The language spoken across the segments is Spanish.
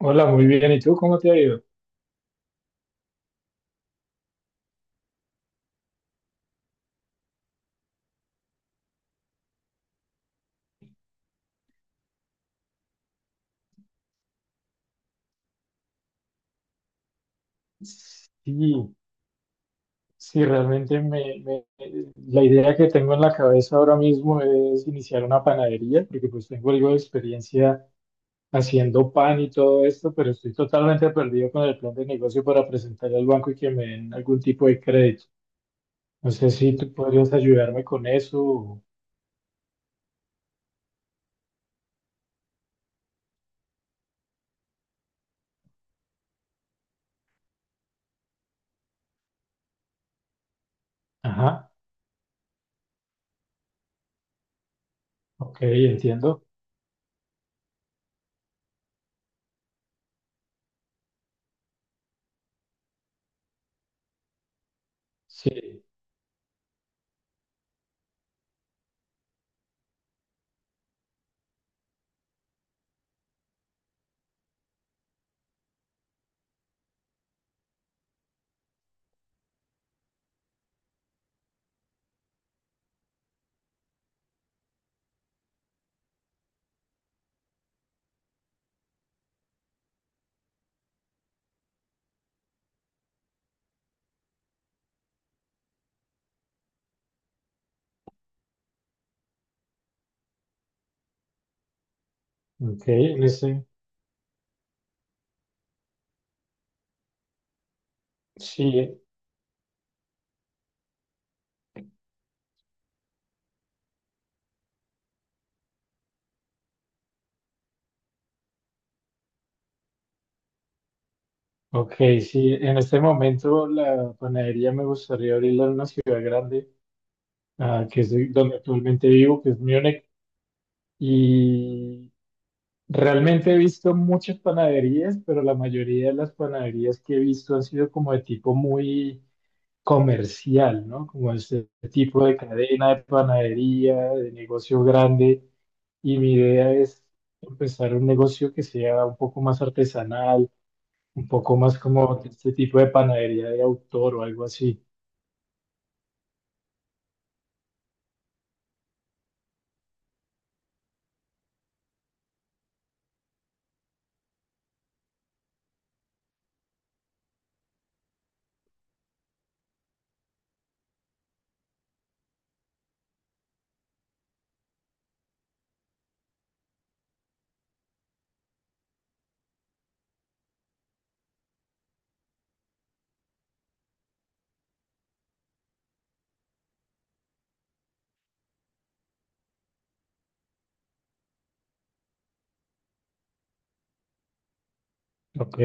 Hola, muy bien. ¿Y tú cómo te ha ido? Sí, sí, realmente la idea que tengo en la cabeza ahora mismo es iniciar una panadería, porque pues tengo algo de experiencia haciendo pan y todo esto, pero estoy totalmente perdido con el plan de negocio para presentar al banco y que me den algún tipo de crédito. No sé si tú podrías ayudarme con eso. Ajá, ok, entiendo. Sí, ok, en ese, sí. Ok, sí, en este momento la panadería me gustaría abrirla en una ciudad grande, ah, que es donde actualmente vivo, que es Múnich, y realmente he visto muchas panaderías, pero la mayoría de las panaderías que he visto han sido como de tipo muy comercial, ¿no? Como este tipo de cadena de panadería, de negocio grande, y mi idea es empezar un negocio que sea un poco más artesanal, un poco más como de este tipo de panadería de autor o algo así. Ok.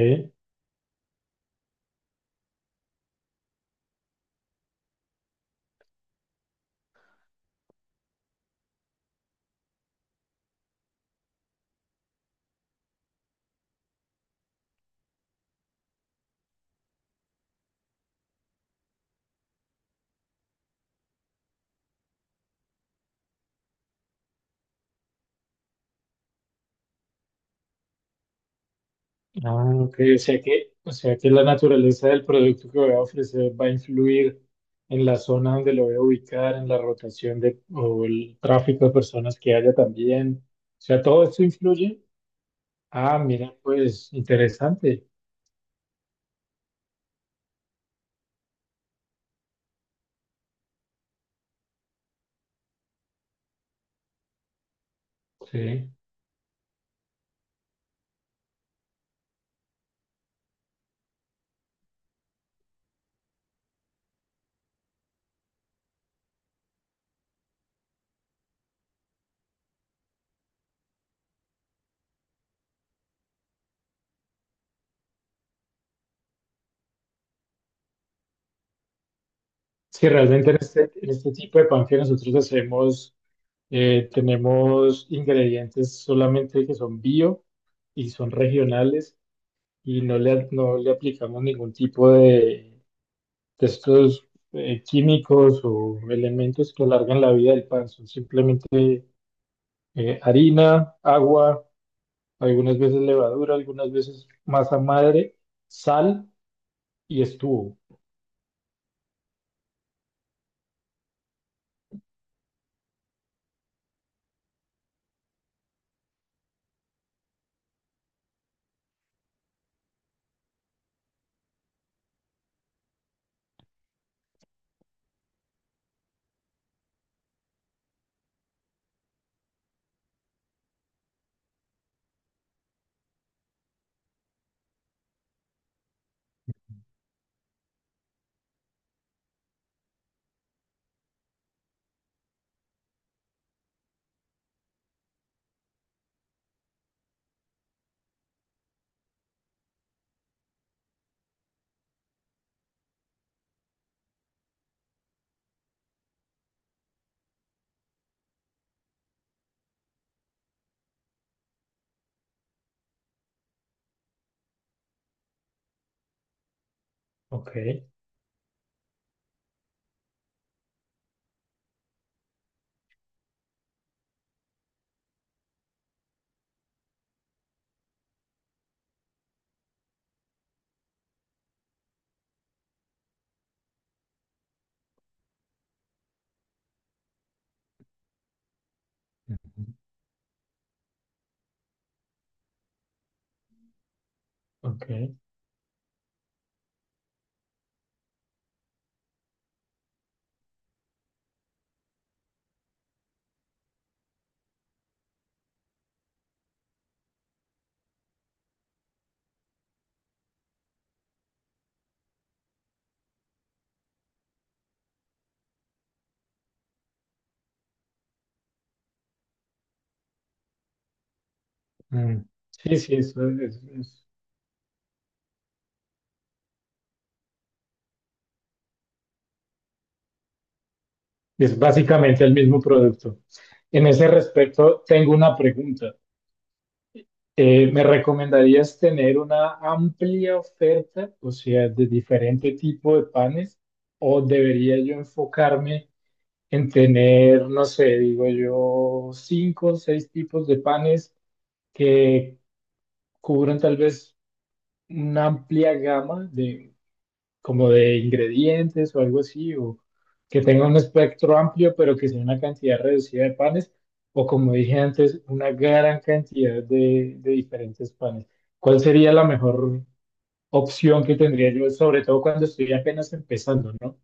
Ah, ok. O sea que la naturaleza del producto que voy a ofrecer va a influir en la zona donde lo voy a ubicar, en la rotación de, o el tráfico de personas que haya también. O sea, todo esto influye. Ah, mira, pues interesante. Sí. Sí, realmente en este tipo de pan que nosotros hacemos, tenemos ingredientes solamente que son bio y son regionales. Y no le, no le aplicamos ningún tipo de estos químicos o elementos que alargan la vida del pan. Son simplemente harina, agua, algunas veces levadura, algunas veces masa madre, sal y estuvo. Ok. Ujú. Ok. Mm. Sí, sí, eso es básicamente el mismo producto. En ese respecto, tengo una pregunta. ¿Me recomendarías tener una amplia oferta, o sea, de diferente tipo de panes, o debería yo enfocarme en tener, no sé, digo yo, cinco o seis tipos de panes que cubran tal vez una amplia gama de, como de ingredientes o algo así, o que tenga un espectro amplio, pero que sea una cantidad reducida de panes, o como dije antes, una gran cantidad de diferentes panes? ¿Cuál sería la mejor opción que tendría yo, sobre todo cuando estoy apenas empezando, ¿no?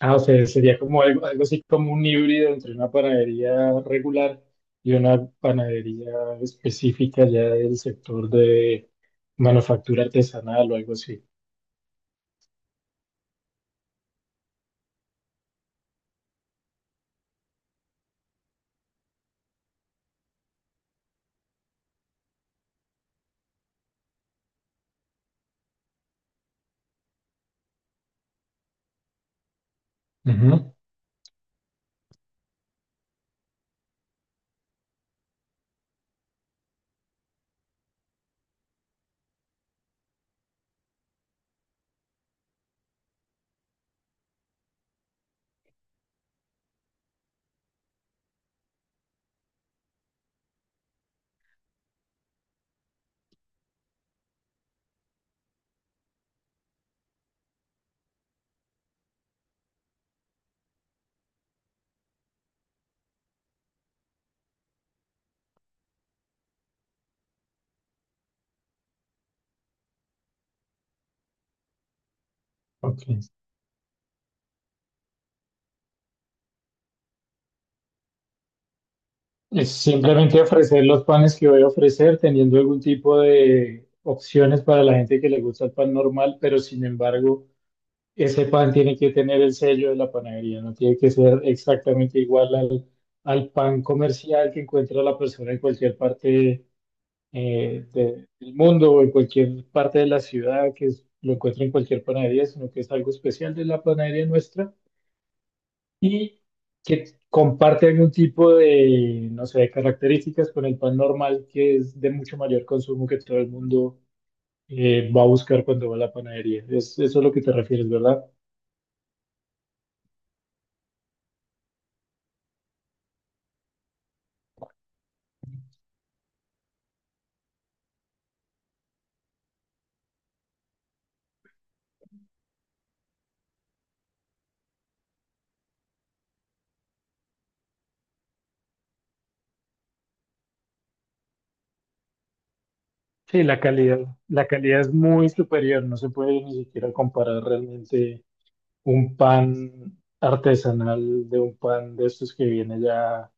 Ah, o sea, sería como algo, algo así como un híbrido entre una panadería regular y una panadería específica ya del sector de manufactura artesanal o algo así. Ujú, ok. Es simplemente ofrecer los panes que voy a ofrecer, teniendo algún tipo de opciones para la gente que le gusta el pan normal, pero sin embargo, ese pan tiene que tener el sello de la panadería, no tiene que ser exactamente igual al, al pan comercial que encuentra la persona en cualquier parte del mundo o en cualquier parte de la ciudad que lo encuentra en cualquier panadería, sino que es algo especial de la panadería nuestra y que comparte algún tipo de, no sé, de características con el pan normal, que es de mucho mayor consumo que todo el mundo va a buscar cuando va a la panadería. Es, eso es lo que te refieres, ¿verdad? Sí, la calidad es muy superior, no se puede ni siquiera comparar realmente un pan artesanal de un pan de estos que viene ya,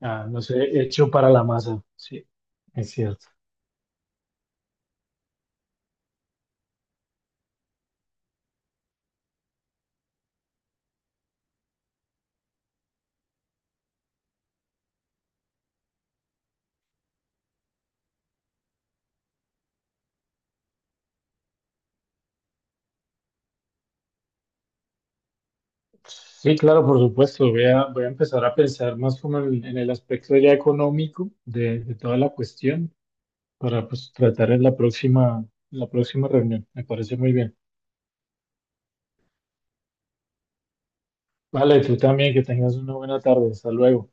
ah, no sé, hecho para la masa. Sí, es cierto. Sí, claro, por supuesto. Voy a, voy a empezar a pensar más como en el aspecto ya económico de toda la cuestión para pues, tratar en la próxima reunión. Me parece muy bien. Vale, tú también, que tengas una buena tarde. Hasta luego.